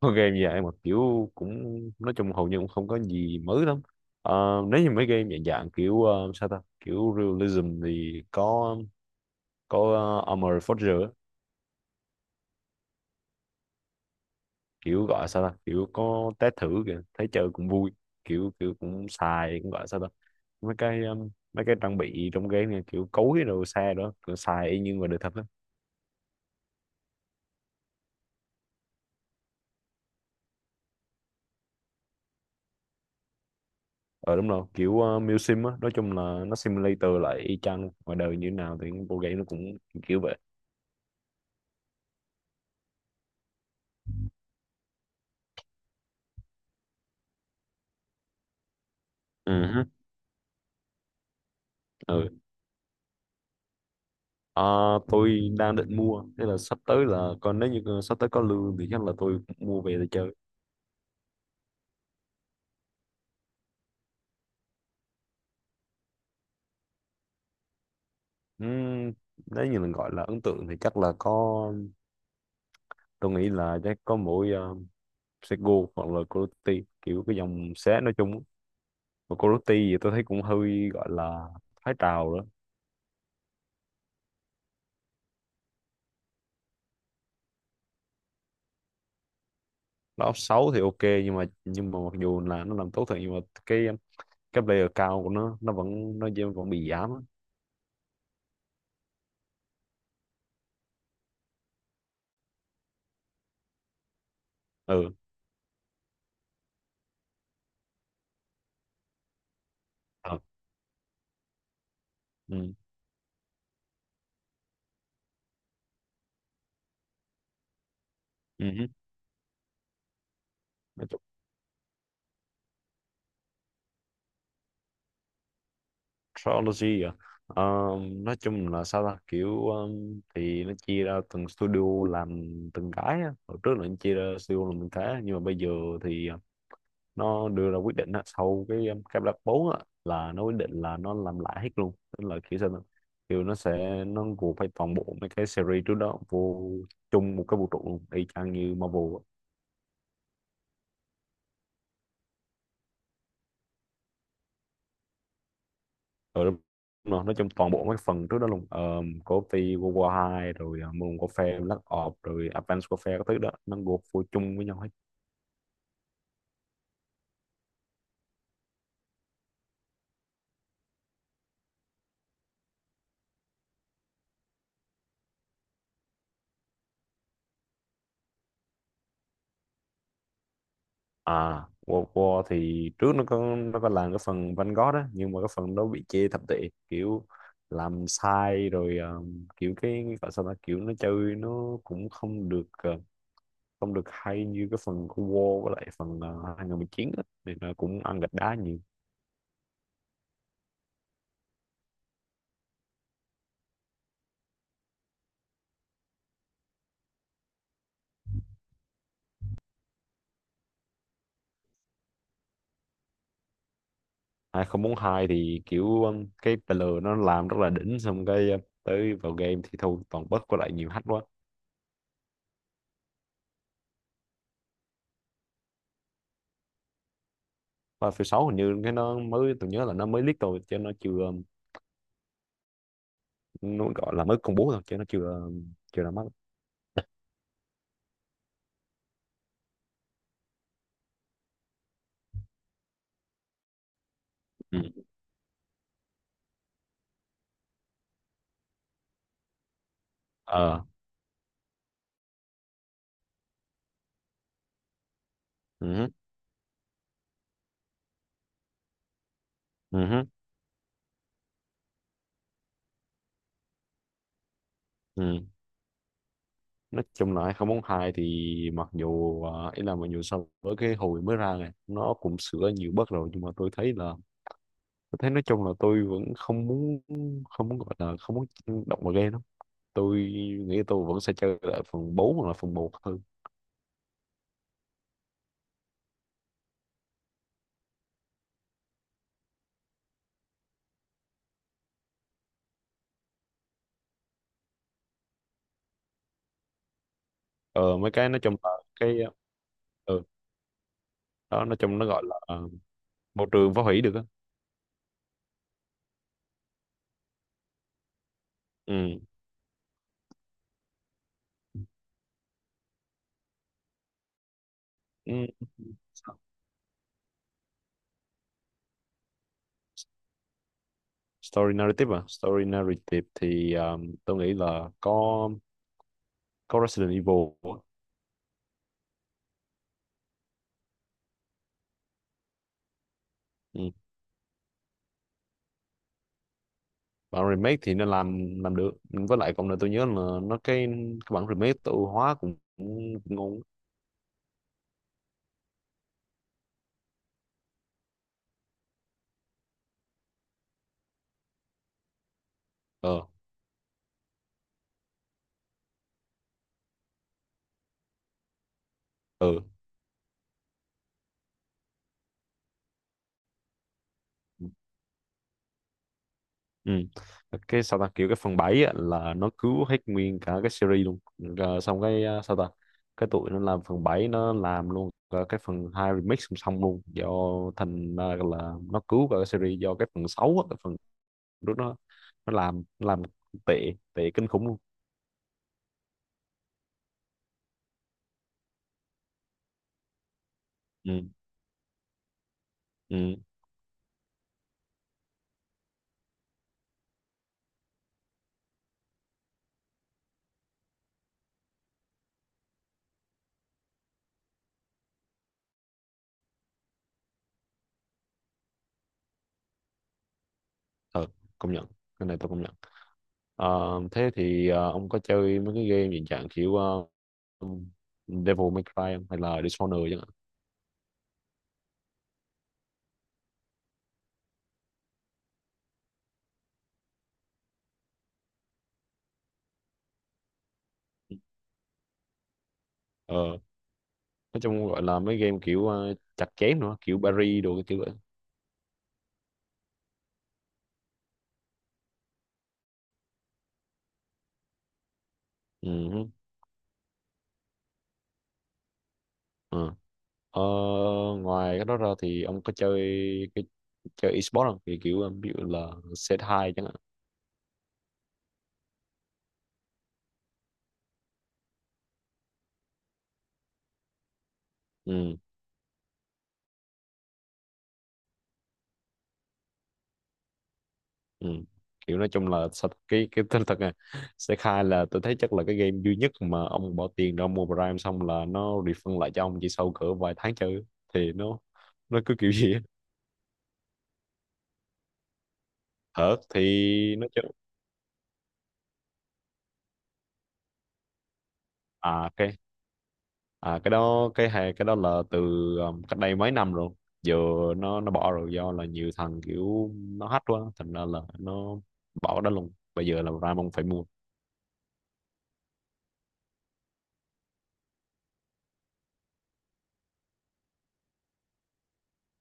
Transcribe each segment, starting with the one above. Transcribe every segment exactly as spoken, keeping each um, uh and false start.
Con game dạng mà kiểu cũng nói chung hầu như cũng không có gì mới lắm. Ờ, nếu như mấy game dạng dạng kiểu ờ, sao ta kiểu realism thì có có uh, Armored Forger á. Kiểu gọi sao ta kiểu có test thử kìa thấy chơi cũng vui, kiểu kiểu cũng xài cũng gọi sao ta mấy cái um, mấy cái trang bị trong game này kiểu cối đồ xe đó kiểu xài y như ngoài đời thật á. Ờ đúng rồi kiểu uh, Sim Sim á, nói chung là nó simulator lại y chang ngoài đời như thế nào thì bộ game nó cũng kiểu vậy. Ừ hứ. Ừ. À, tôi đang định mua, thế là sắp tới là còn nếu như sắp tới có lương thì chắc là tôi mua về để chơi. Ừm, Nếu như là gọi là ấn tượng thì chắc là có, tôi nghĩ là chắc có mỗi uh, Sego hoặc là Coyote, kiểu cái dòng xé nói chung. Và Coyote thì tôi thấy cũng hơi gọi là thái trào đó. Nó xấu thì ok nhưng mà nhưng mà mặc dù là nó làm tốt thật nhưng mà cái cái player cao của nó nó vẫn nó vẫn bị giảm á. Ừ. Ờ. Ừ. Ừ. Trilogy à? Ờ, nói chung là sao ta kiểu um, thì nó chia ra từng studio làm từng cái á. Hồi trước là nó chia ra studio làm từng cái nhưng mà bây giờ thì ờ, nó đưa ra quyết định á, sau cái um, cái Black bốn á, là nó quyết định là nó làm lại hết luôn. Tức là kiểu sao ta? Kiểu nó sẽ nó gộp phải toàn bộ mấy cái series trước đó vô chung một cái vũ trụ luôn y chang như Marvel. Ừ, đúng rồi. Nói chung toàn bộ mấy phần trước đó luôn, um, coffee World War hai rồi uh, Moon Warfare Black Ops rồi Advanced Warfare các thứ đó nó gộp vô chung với nhau hết. À, World War thì trước nó có nó có làm cái phần Vanguard á nhưng mà cái phần đó bị chê thập tệ, kiểu làm sai rồi. Um, kiểu cái gọi sao ta kiểu nó chơi nó cũng không được, uh, không được hay như cái phần của War với lại phần uh, hai không một chín á thì nó cũng ăn gạch đá nhiều. Hai không bốn hai thì kiểu um, cái pê lờ nó làm rất là đỉnh, xong cái uh, tới vào game thì thôi toàn bug với lại nhiều hack quá. Và phiêu sáu hình như cái nó mới, tôi nhớ là nó mới leak thôi chứ nó chưa um, nó gọi là mới công bố thôi chứ nó chưa um, chưa ra mắt. Ừ. Ờ. Ừ. Ừ. Ừ. Nói chung là hai không bốn hai thì mặc dù à, ý là mặc dù so với cái hồi mới ra này nó cũng sửa nhiều bug rồi, nhưng mà tôi thấy là tôi thấy nói chung là tôi vẫn không muốn, không muốn, gọi là không muốn động vào game. Tôi nghĩ tôi vẫn sẽ chơi lại phần bốn hoặc là phần một hơn. Ờ, mấy cái nói chung là cái ừ, đó nói chung nó gọi là ờ, môi trường phá hủy được á. Ừ. Ừ. Story narrative à? Story narrative thì um, tôi nghĩ là có có Resident Evil á. Ừ. Bản remake thì nó làm làm được, với lại còn là tôi nhớ là nó cái cái bản remake tự hóa cũng, cũng ngon. Ờ. Ừ. Ừ. Cái sao ta kiểu cái phần bảy á, là nó cứu hết nguyên cả cái series luôn, rồi xong cái à, sao ta cái tụi nó làm phần bảy nó làm luôn cả cái phần hai remix song song luôn, do thành ra là nó cứu cả cái series, do cái phần sáu á, cái phần lúc nó nó làm nó làm tệ tệ kinh khủng luôn. Ừ. Ừ, thật. Công nhận, cái này tôi công nhận. Ờ, thế thì ờ, ông có chơi mấy cái game hiện trạng kiểu ờ, Devil May Cry không? Hay là Dishonored chẳng hạn. Ờ, nói chung gọi là mấy game kiểu ờ, chặt chém nữa kiểu Paris đồ cái kiểu vậy. Ừ. Ừ. Ờ, ngoài cái đó ra thì ông có chơi cái chơi esports không, thì kiểu ờ, ví dụ là cs hai chẳng hạn. Ừ. Ừ. Kiểu nói chung là sao- cái cái thật thật này, cs hai là tôi thấy chắc là cái game duy nhất mà ông bỏ tiền ra mua Prime xong là nó refund lại cho ông chỉ sau cỡ vài tháng chơi, thì nó nó cứ kiểu gì á. Thật thì nó chơi. À ok. À cái đó, cái hay cái đó là từ um, cách đây mấy năm rồi. Giờ nó nó bỏ rồi do là nhiều thằng kiểu nó hack quá, thành ra là nó bỏ cái đó luôn, bây giờ là Ramon phải mua.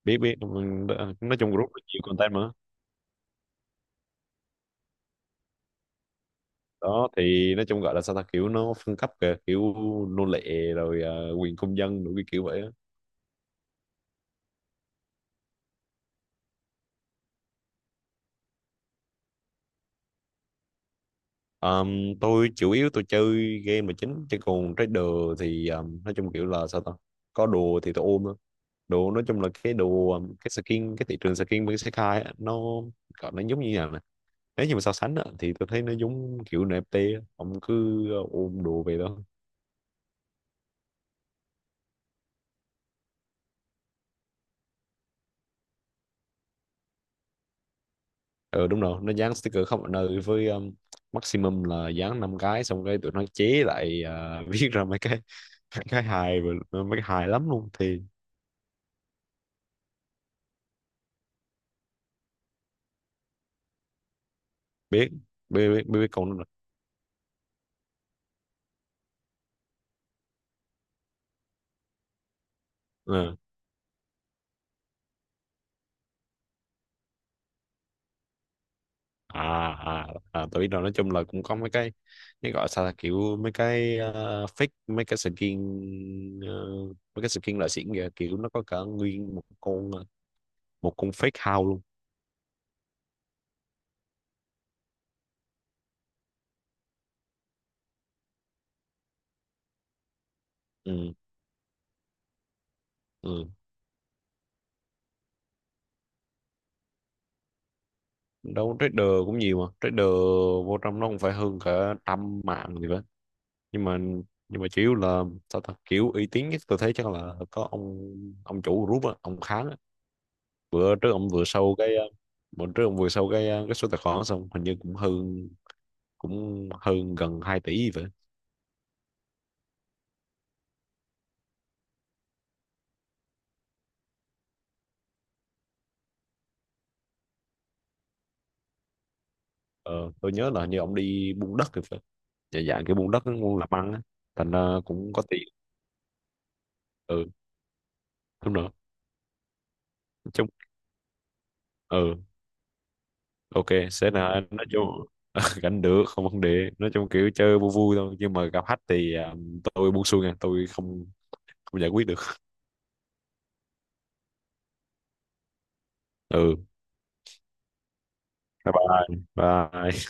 Biết biết ừm, đ- nói chung group nó nhiều content mà. Đó thì nói chung gọi là sao ta kiểu nó phân cấp kìa, kiểu nô lệ rồi ờ, quyền công dân rồi cái kiểu vậy á. Ờm, tôi chủ yếu tôi chơi game là chính chứ còn trader thì ờm, nói chung kiểu là sao ta, có đồ thì tôi ôm á. Đồ nói chung là cái đồ um, cái skin cái thị trường skin bên Sekai á, nó gọi nó giống như nào nè, nếu như mà so sánh á, thì tôi thấy nó giống kiểu en eph ti á. Ông cứ ờ, ôm đồ về đó. Ờ đúng rồi, nó dán sticker khắp mọi nơi với um, maximum là dán năm cái, xong cái tụi nó chế lại à, viết ra mấy cái mấy cái hài, mấy cái hài lắm luôn thì. Biết biết biết, biết biết con nó rồi. Ờ. À à, à tôi biết rồi, nói chung là cũng có mấy cái cái gọi sao là, kiểu mấy cái ờ, fake mấy cái skin ờ, mấy cái skin loại xịn kìa, kiểu nó có cả nguyên một con ờ, một con fake house luôn. Ừ. Ừ, đâu trader cũng nhiều mà, trader vô trong nó cũng phải hơn cả trăm mạng gì đó. Nhưng mà nhưng mà chủ yếu là sao ta kiểu uy tín nhất tôi thấy chắc là có ông ông chủ group á, ông Kháng á. Bữa trước ông vừa sâu cái ờ, bữa trước ông vừa sâu cái ờ, cái số tài khoản đó, xong hình như cũng hơn, cũng hơn gần hai tỷ vậy. Ờ, tôi nhớ là hình như ông đi buôn đất thì phải. Dạ dạ cái buôn đất muốn làm ăn á, thành ra cũng có tiền. Ừ đúng rồi, nói chung. Ừ. Ok. Sẽ là nói chung gánh được không vấn đề, nói chung kiểu chơi vui vui thôi nhưng mà gặp khách thì à, tôi buông xuôi nha, tôi không không giải quyết được. Ừ. Bye bye bye.